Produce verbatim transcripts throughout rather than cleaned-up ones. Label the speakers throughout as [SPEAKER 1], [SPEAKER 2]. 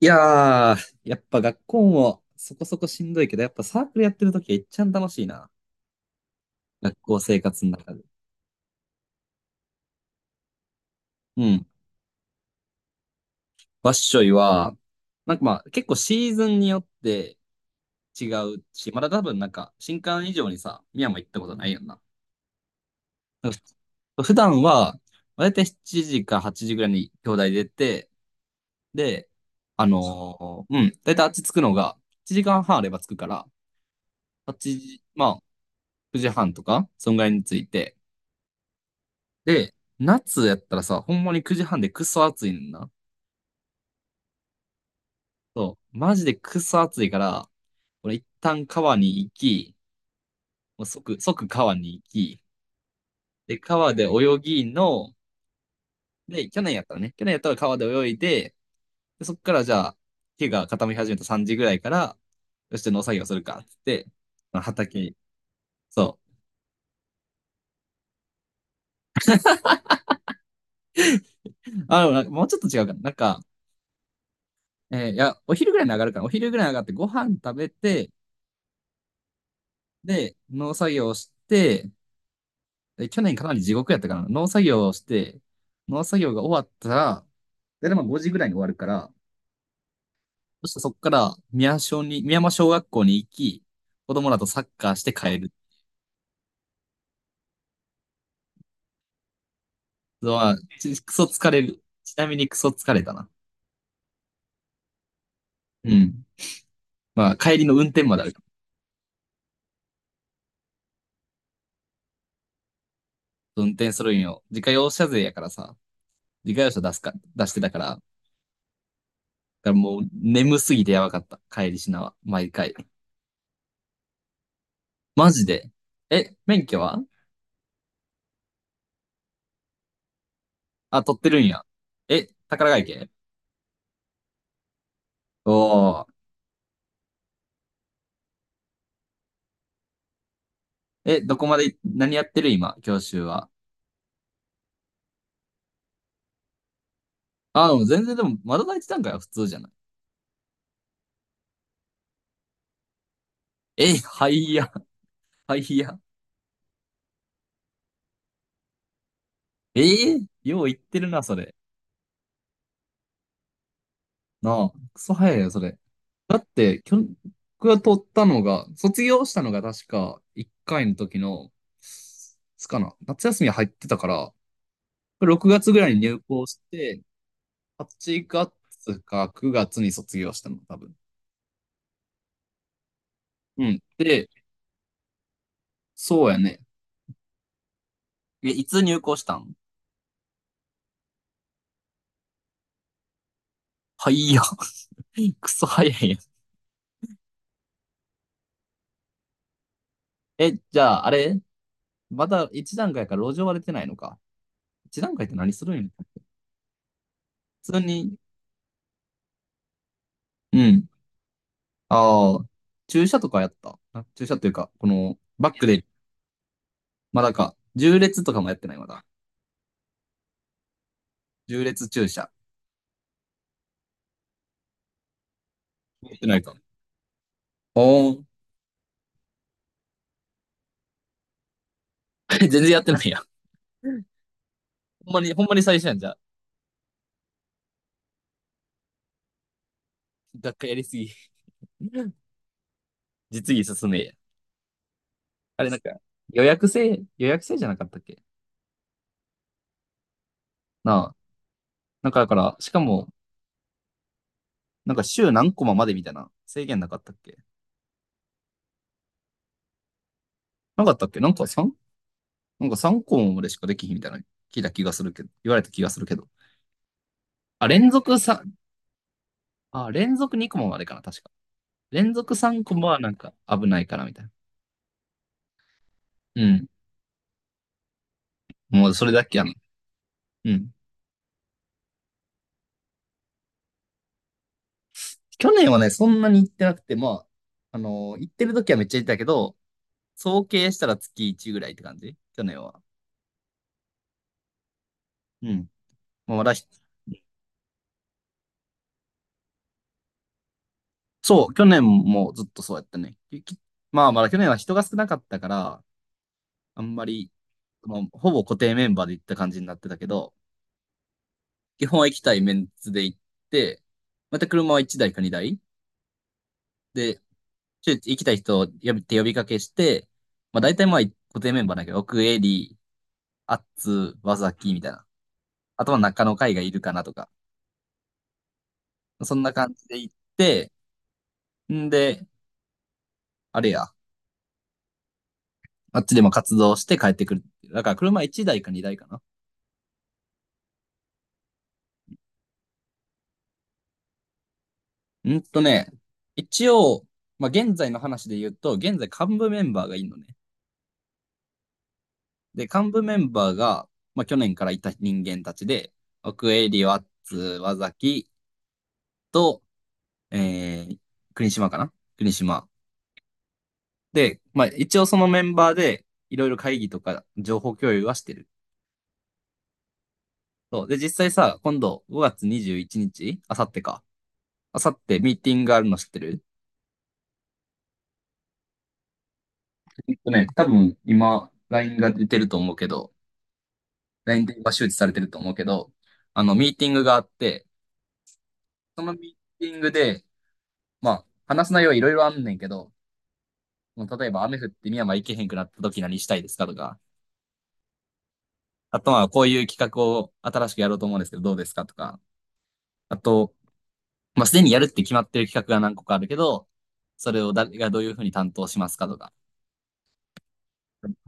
[SPEAKER 1] いやー、やっぱ学校もそこそこしんどいけど、やっぱサークルやってるときは一ん楽しいな。学校生活の中で。うん。わっしょいは、なんかまあ結構シーズンによって違うし、まだ多分なんか新刊以上にさ、宮も行ったことないよな。だから普段は、だいたいしちじかはちじぐらいに兄弟出て、で、あのーうん、だいたいあっち着くのがいちじかんはんあれば着くから、はちじ、まあくじはんとか、そんぐらいに着いて、で、夏やったらさ、ほんまにくじはんでクソ暑いねんな。そう、マジでクソ暑いから、俺一旦川に行き、もう即、即川に行き、で、川で泳ぎの、で、去年やったらね、去年やったら川で泳いで、でそっからじゃあ、日が傾き始めたさんじぐらいから、よし、じゃあ農作業するか、っつって、まあ畑に、そう。あ、でもなんかもうちょっと違うかな。なんか、えーいや、お昼ぐらいに上がるから、お昼ぐらいに上がってご飯食べて、で、農作業して、で去年かなり地獄やったかな。農作業をして、農作業が終わったら、だいたいまあごじぐらいに終わるから、そしてそこから宮小に、宮山小学校に行き、子供らとサッカーして帰る。のは、ちクソ疲れる。ちなみにクソ疲れたな。うん。まあ、帰りの運転まであるから。運転するんよ。自家用車税やからさ、自家用車出すか、出してたから、だからもう眠すぎてやばかった。帰りしなは、毎回。マジで。え、免許は？あ、取ってるんや。え、宝ヶ池？おー、え、どこまで、何やってる今、教習は？あ、でも全然でも、まだ第一段階は普通じゃない？え、はいや、はいや。えー、よう言ってるな、それ。なあ、クソ早いよ、それ。だって、きょ、僕が取ったのが、卒業したのが確かいっかいせいの時の、いつかな、夏休み入ってたから、ろくがつぐらいに入校して、はちがつかくがつに卒業したの、多分。うん。で、そうやね。え、いつ入校したん？はいや。クソ早いやん。え、じゃあ、あれまだ一段階から路上割れてないのか。一段階って何するんや？普通に、うん。ああ、駐車とかやった。あ駐車というか、この、バックで、まだか、縦列とかもやってない、まだ。縦列駐車。やってないか。おー。全然やってないやん。ほんまに、ほんまに最初やんじゃあ。学会やりすぎ。実技進めや。あれなんか、予約制、予約制じゃなかったっけ？なあ。なんかだから、しかも、なんか週何コマまでみたいな制限なかったっけなかったっけなんか さん? なんかさんコマまでしかできひんみたいな聞いた気がするけど、言われた気がするけど。あ、連続さん、あ、連続にコマまでかな、確か。連続さんコマはなんか危ないからみたいな。うん。もうそれだけやな。うん。去年はね、そんなに行ってなくて、まあ、あのー行ってる時はめっちゃ行ったけど、総計したら月いちぐらいって感じ去年は。うん。まあ、まだそう、去年もずっとそうやったね。まあ、まだ去年は人が少なかったから、あんまり、まあ、ほぼ固定メンバーで行った感じになってたけど、基本は行きたいメンツで行って、また車はいちだいかにだいで、ちょ行きたい人を呼びって呼びかけして、まあ大体まあ固定メンバーだけど、奥エリー、アッツ、ワザキみたいな。あとは中の会がいるかなとか、そんな感じで行って、んで、あれや、あっちでも活動して帰ってくる。だから車いちだいかにだいかな。うんとね、一応、まあ現在の話で言うと、現在幹部メンバーがいるのね。で、幹部メンバーが、まあ、去年からいた人間たちで、奥江、理ワッツ、和崎と、えー、国島かな国島。で、まあ、一応そのメンバーで、いろいろ会議とか情報共有はしてる。そう。で、実際さ、今度ごがつにじゅういちにち、あさってか。あさってミーティングがあるの知ってる？えっとね、多分今、ライン が出てると思うけど、ライン で今周知されてると思うけど、あの、ミーティングがあって、そのミーティングで、まあ、話す内容はいろいろあんねんけど、もう例えば雨降って深山行けへんくなった時何したいですかとか、あとまあこういう企画を新しくやろうと思うんですけどどうですかとか、あと、まあすでにやるって決まってる企画が何個かあるけど、それを誰がどういうふうに担当しますかとか、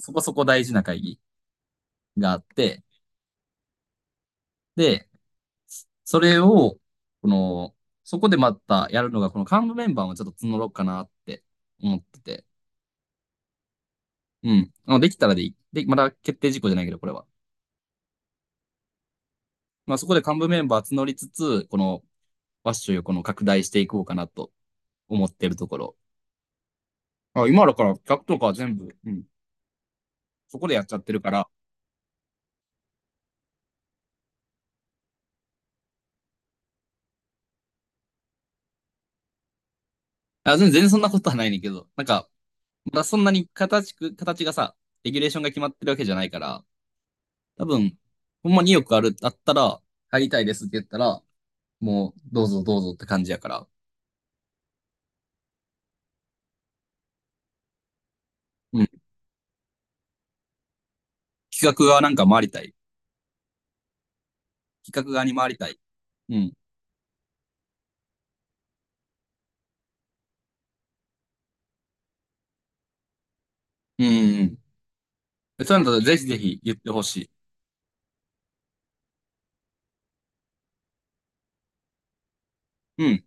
[SPEAKER 1] そこそこ大事な会議があって、で、それを、この、そこでまたやるのが、この幹部メンバーをちょっと募ろうかなって思ってて、うん。できたらでいい。で、まだ決定事項じゃないけど、これは。まあそこで幹部メンバー募りつつ、このファッションをこの拡大していこうかなと思ってるところ。あ、今だから企画とかは全部、うん、そこでやっちゃってるから、あ、全然全然そんなことはないねんけど、なんか、まだそんなに形く、形がさ、レギュレーションが決まってるわけじゃないから、多分、ほんまに意くある、あったら、入りたいですって言ったら、もう、どうぞどうぞって感じやから。うん。企画側なんか回りたい。企画側に回りたい。うん。うんうんうん。そうなんだとぜひぜひ言ってほしい。うん。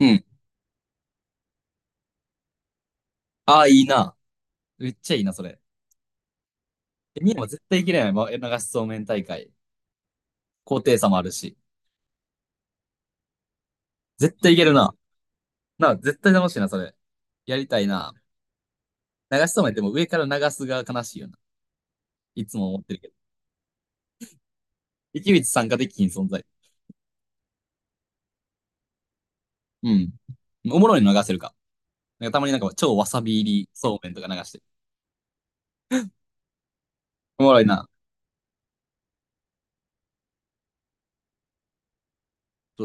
[SPEAKER 1] うん。ああ、いいな。めっちゃいいな、それ。ミヤも絶対いけるやん。ま流しそうめん大会。高低差もあるし。絶対いけるな。な、絶対楽しいな、それ。やりたいな。流しそうめんってもう上から流すが悲しいよな。いつも思ってるけど。池口参加できひん存在。うん。おもろいの流せるか。なんかたまになんか超わさび入りそうめんとか流してる。おもろいな。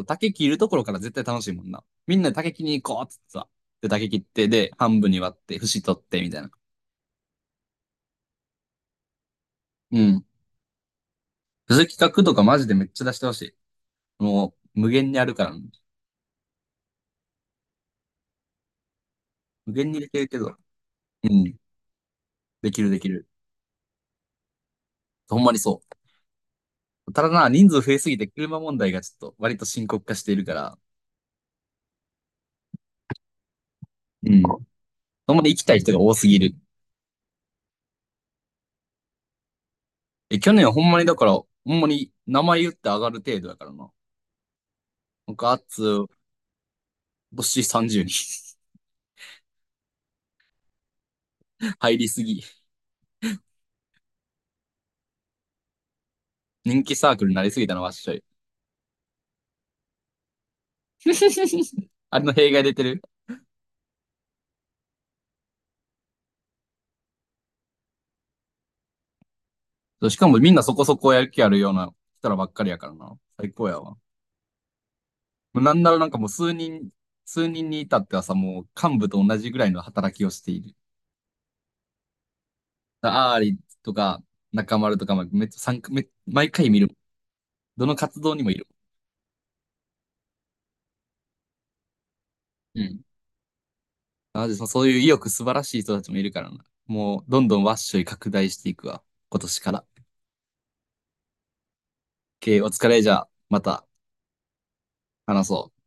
[SPEAKER 1] 竹切るところから絶対楽しいもんな。みんなで竹切りに行こうっつってさ。で、竹切って、で、半分に割って、節取って、みたいな。うん。そういう企画とかマジでめっちゃ出してほしい。もう、無限にあるから、無限にできるけど。うん。できるできる。ほんまにそう。ただな、人数増えすぎて車問題がちょっと割と深刻化しているから、うん。ほんまに行きたい人が多すぎる。え、去年はほんまにだから、ほんまに名前言って上がる程度だからな。なんか、あっつ、星さんじゅうにん 入りすぎ。人気サークルになりすぎたのわっしょい。あれの弊害出てる。そうしかもみんなそこそこやる気あるような人らばっかりやからな。最高やわ。もうなんならなんかもう数人、数人に至ってはさ、もう幹部と同じぐらいの働きをしている。アーリとか、中丸とか、まあめっちゃ参加め、毎回見る。どの活動にもいる。うん。なのでそそういう意欲素晴らしい人たちもいるからな。もう、どんどんワッショイ拡大していくわ。今年から。OK、お疲れじゃあ、また話そう。